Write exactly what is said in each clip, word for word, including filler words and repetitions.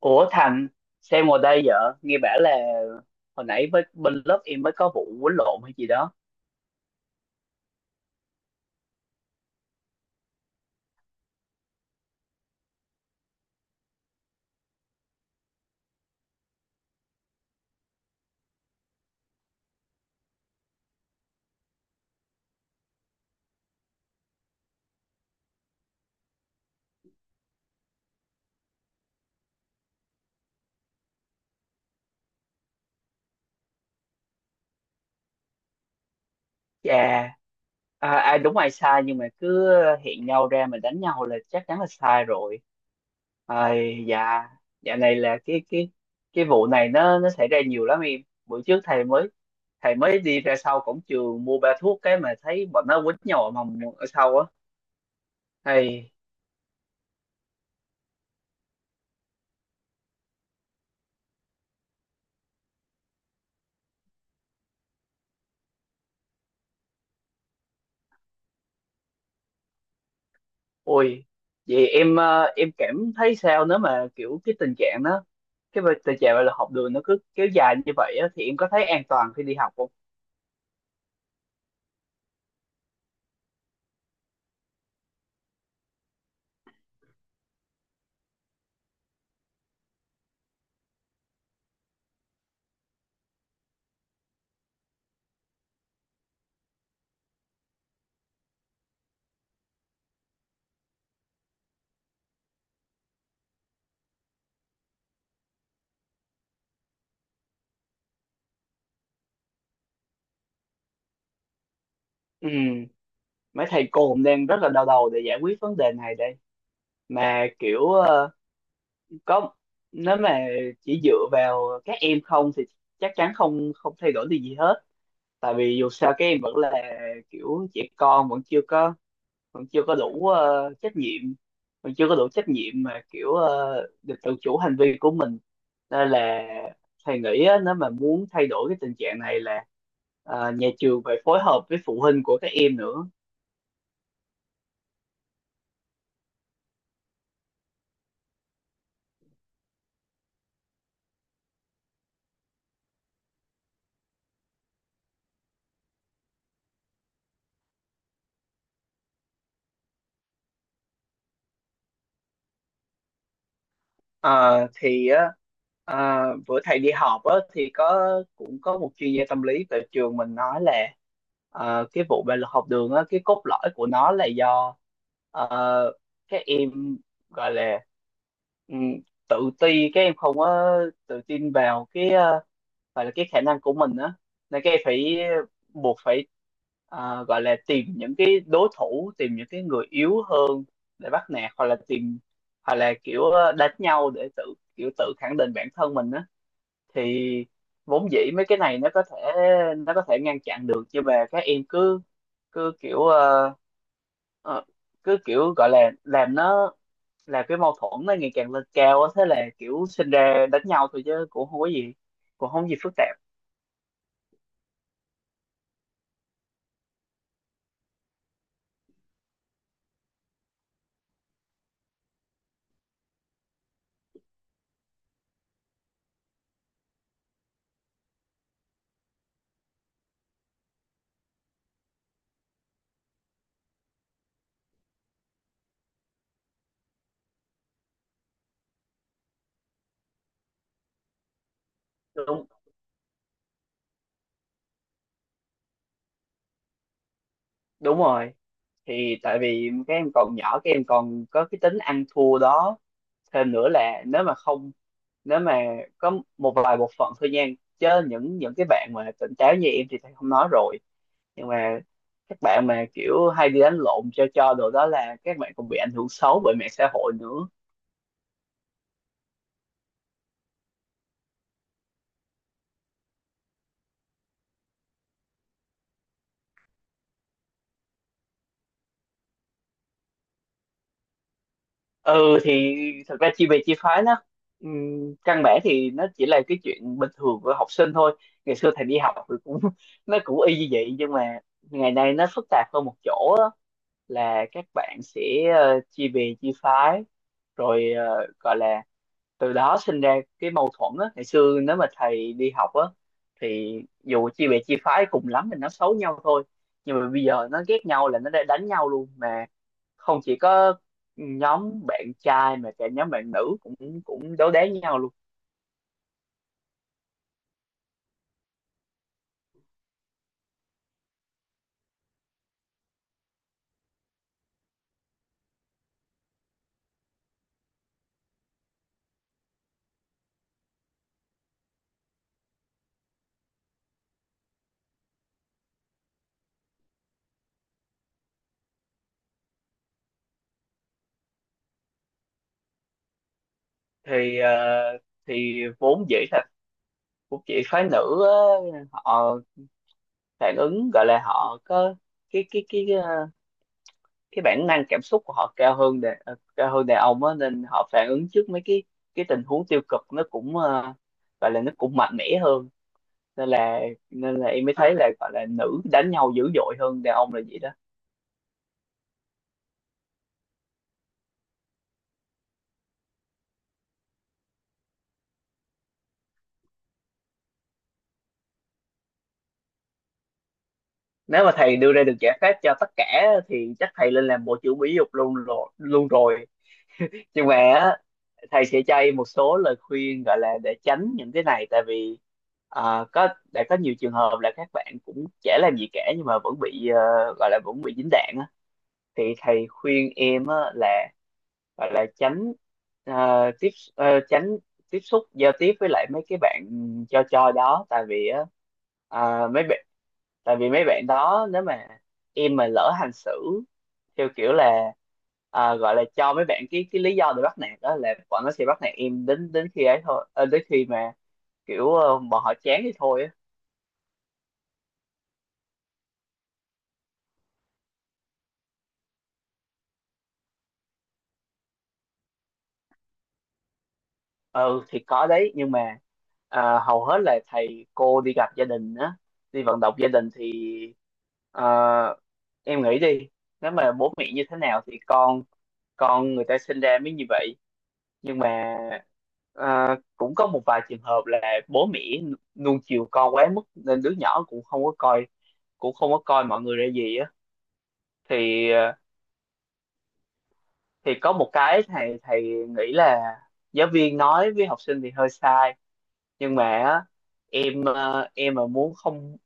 Ủa Thành, xem ngồi đây vợ, nghe bảo là hồi nãy với bên lớp em mới có vụ quýnh lộn hay gì đó. Chà, à, ai đúng ai sai nhưng mà cứ hẹn nhau ra mà đánh nhau là chắc chắn là sai rồi. Ai dạ, dạo này là cái cái cái vụ này nó nó xảy ra nhiều lắm em. Bữa trước thầy mới thầy mới đi ra sau cổng trường mua ba thuốc cái mà thấy bọn nó quýnh nhau ở mòng ở sau á. Ôi, vậy em ờ, em cảm thấy sao nếu mà kiểu cái tình trạng đó, cái việc- tình trạng là học đường nó cứ kéo dài như vậy á, thì em có thấy an toàn khi đi học không? Ừ, mấy thầy cô cũng đang rất là đau đầu để giải quyết vấn đề này đây. Mà kiểu ờ, có nếu mà chỉ dựa vào các em không thì chắc chắn không không thay đổi được gì hết. Tại vì dù sao các em vẫn là kiểu trẻ con vẫn chưa có mình chưa có đủ ờ, trách nhiệm mình chưa có đủ trách nhiệm mà kiểu ờ, được tự chủ hành vi của mình nên là thầy nghĩ á, nếu mà muốn thay đổi cái tình trạng này là ờ, nhà trường phải phối hợp với phụ huynh của các em nữa. Ờ, thì á à, bữa thầy đi họp á thì có cũng có một chuyên gia tâm lý tại trường mình nói là ờ, cái vụ bạo lực học đường á, cái cốt lõi của nó là do ờ, các em gọi là ừ, tự ti, các em không có tự tin vào cái ờ, gọi là cái khả năng của mình á, nên các em phải buộc phải ờ, gọi là tìm những cái đối thủ, tìm những cái người yếu hơn để bắt nạt, hoặc là tìm hoặc là kiểu ờ, đánh nhau để tự kiểu tự khẳng định bản thân mình á. Thì vốn dĩ mấy cái này nó có thể nó có thể ngăn chặn được, nhưng mà các em cứ cứ kiểu ờ, ờ, cứ kiểu gọi là làm nó làm cái mâu thuẫn nó ngày càng lên cao á, thế là kiểu sinh ra đánh nhau thôi, chứ cũng không có gì cũng không có gì phức tạp. Đúng, đúng rồi, thì tại vì các em còn nhỏ, các em còn có cái tính ăn thua đó. Thêm nữa là nếu mà không nếu mà có một vài bộ phận thôi nha, chứ những những cái bạn mà tỉnh táo như em thì thầy không nói rồi, nhưng mà các bạn mà kiểu hay đi đánh lộn cho cho đồ đó là các bạn còn bị ảnh hưởng xấu bởi mạng xã hội nữa. Ừ thì thật ra chia bè chia phái nó ừm, căn bản thì nó chỉ là cái chuyện bình thường của học sinh thôi. Ngày xưa thầy đi học thì cũng nó cũng y như vậy, nhưng mà ngày nay nó phức tạp hơn một chỗ á. Là các bạn sẽ ờ, chia bè chia phái rồi ờ, gọi là từ đó sinh ra cái mâu thuẫn á. Ngày xưa nếu mà thầy đi học á thì dù chia bè chia phái cùng lắm thì nó xấu nhau thôi, nhưng mà bây giờ nó ghét nhau là nó đã đánh nhau luôn mà, không chỉ có nhóm bạn trai mà cả nhóm bạn nữ cũng cũng đấu đá với nhau luôn. Thì ờ, thì vốn dĩ là vốn dĩ phái nữ á, họ phản ứng gọi là họ có cái cái cái, ờ, cái bản năng cảm xúc của họ cao hơn đàn ờ, cao hơn đàn ông á, nên họ phản ứng trước mấy cái cái tình huống tiêu cực nó cũng ờ, gọi là nó cũng mạnh mẽ hơn, nên là nên là em mới thấy là gọi là nữ đánh nhau dữ dội hơn đàn ông là vậy đó. Nếu mà thầy đưa ra được giải pháp cho tất cả thì chắc thầy lên làm bộ trưởng Mỹ dục luôn rồi luôn rồi, nhưng mà á, thầy sẽ cho em một số lời khuyên gọi là để tránh những cái này. Tại vì ờ, có đã có nhiều trường hợp là các bạn cũng chả làm gì cả nhưng mà vẫn bị ờ, gọi là vẫn bị dính đạn á. Thì thầy khuyên em á, là gọi là tránh ờ, tiếp ờ, tránh tiếp xúc giao tiếp với lại mấy cái bạn cho cho đó. Tại vì á ờ, mấy bạn tại vì mấy bạn đó nếu mà em mà lỡ hành xử theo kiểu là ờ, gọi là cho mấy bạn cái cái lý do để bắt nạt đó, là bọn nó sẽ bắt nạt em đến đến khi ấy thôi ờ, đến khi mà kiểu ờ, bọn họ chán thì thôi á. Ừ thì có đấy, nhưng mà à, hầu hết là thầy cô đi gặp gia đình á, đi vận động gia đình thì à, em nghĩ đi, nếu mà bố mẹ như thế nào thì con con người ta sinh ra mới như vậy. Nhưng mà à, cũng có một vài trường hợp là bố mẹ nu- nuông chiều con quá mức nên đứa nhỏ cũng không có coi cũng không có coi mọi người ra gì á. Thì à, thì có một cái thầy thầy nghĩ là giáo viên nói với học sinh thì hơi sai, nhưng mà á, em ờ, em mà muốn không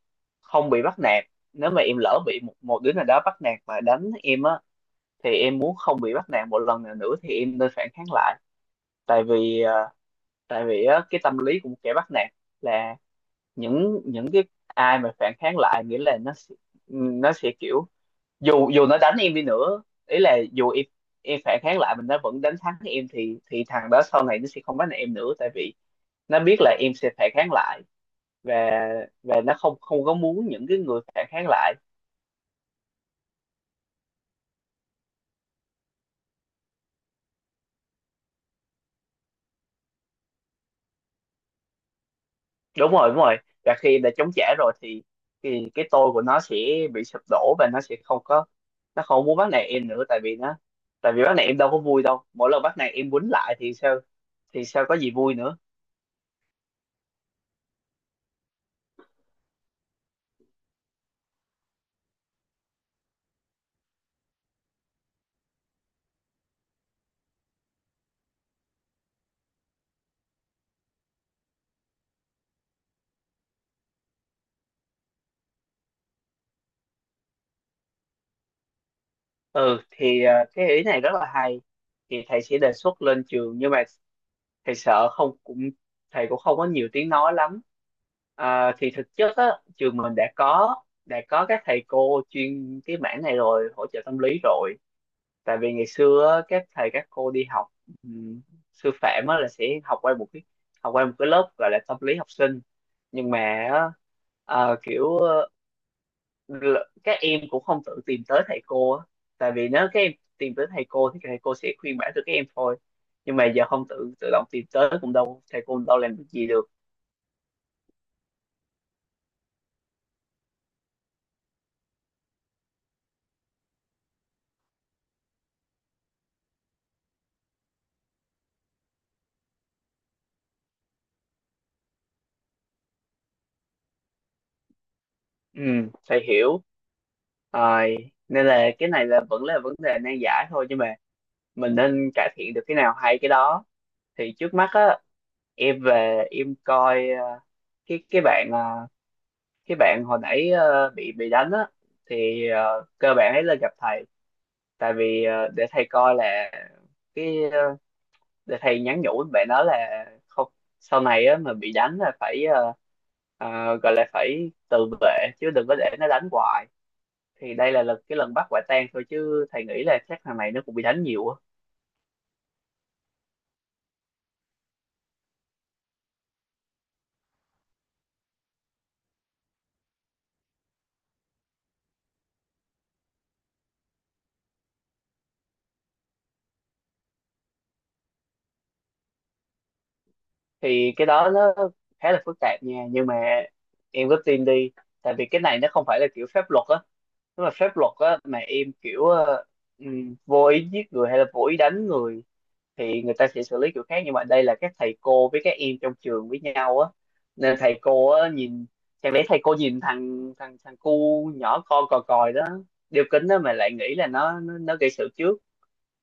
không bị bắt nạt nếu mà em lỡ bị một một đứa nào đó bắt nạt và đánh em á, thì em muốn không bị bắt nạt một lần nào nữa thì em nên phản kháng lại. Tại vì ờ, tại vì á cái tâm lý của một kẻ bắt nạt là những những cái ai mà phản kháng lại nghĩa là nó sẽ- nó sẽ kiểu dù dù nó đánh em đi nữa, ý là dù em em phản kháng lại mình, nó vẫn đánh thắng em thì thì thằng đó sau này nó sẽ không bắt nạt em nữa, tại vì nó biết là em sẽ phản kháng lại. và và nó không không có muốn những cái người phản kháng lại. Đúng rồi đúng rồi, và khi đã chống trả rồi thì thì cái tôi của nó sẽ bị sụp đổ và nó sẽ không có nó không muốn bắt nạt em nữa. Tại vì nó tại vì bắt nạt em đâu có vui đâu, mỗi lần bắt nạt em quýnh lại thì sao, thì sao có gì vui nữa. Ừ thì ờ, cái ý này rất là hay, thì thầy sẽ đề xuất lên trường, nhưng mà thầy sợ không cũng thầy cũng không có nhiều tiếng nói lắm. À, thì thực chất á, trường mình đã có đã có các thầy cô chuyên cái mảng này rồi, hỗ trợ tâm lý rồi. Tại vì ngày xưa á, các thầy các cô đi học ừm, sư phạm á là sẽ học qua một cái học qua một cái lớp gọi là tâm lý học sinh. Nhưng mà á, ờ, kiểu các em cũng không tự tìm tới thầy cô á. Tại vì nếu các em tìm tới thầy cô thì thầy cô sẽ khuyên bảo cho các em thôi, nhưng mà giờ không tự tự động tìm tới cũng đâu thầy cô đâu làm được gì được. Ừ, thầy hiểu rồi, nên là cái này là vẫn là vấn đề nan giải thôi, nhưng mà mình nên cải thiện được cái nào hay cái đó. Thì trước mắt á, em về em coi ờ, cái cái bạn ờ, cái bạn hồi nãy ờ, bị bị đánh á, thì ờ, cơ bản ấy là gặp thầy. Tại vì ờ, để thầy coi là cái ờ, để thầy nhắn nhủ với bạn đó là không, sau này á mà bị đánh là phải ờ, ờ, gọi là phải tự vệ chứ đừng có để nó đánh hoài. Thì đây là lần cái lần bắt quả tang thôi chứ thầy nghĩ là chắc thằng này nó cũng bị đánh nhiều á. Thì cái đó nó khá là phức tạp nha, nhưng mà em cứ tin đi. Tại vì cái này nó không phải là kiểu pháp luật á, nếu mà pháp luật á mà em kiểu ờ, ừm, vô ý giết người hay là vô ý đánh người thì người ta sẽ xử lý kiểu khác. Nhưng mà đây là các thầy cô với các em trong trường với nhau á, nên thầy cô á nhìn, chẳng lẽ thầy cô nhìn thằng thằng thằng cu nhỏ con cò còi đó, đeo kính đó mà lại nghĩ là nó nó, nó gây sự trước,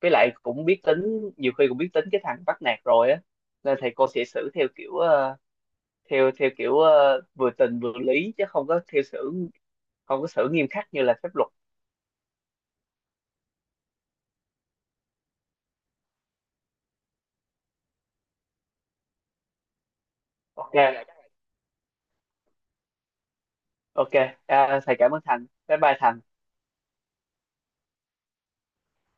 với lại cũng biết tính nhiều khi cũng biết tính cái thằng bắt nạt rồi á. Nên thầy cô sẽ xử theo kiểu ờ, theo theo kiểu ờ, vừa tình vừa lý, chứ không có theo xử không có xử nghiêm khắc như là pháp luật. Ok, ok. À, thầy cảm ơn Thành, bye bye Thành.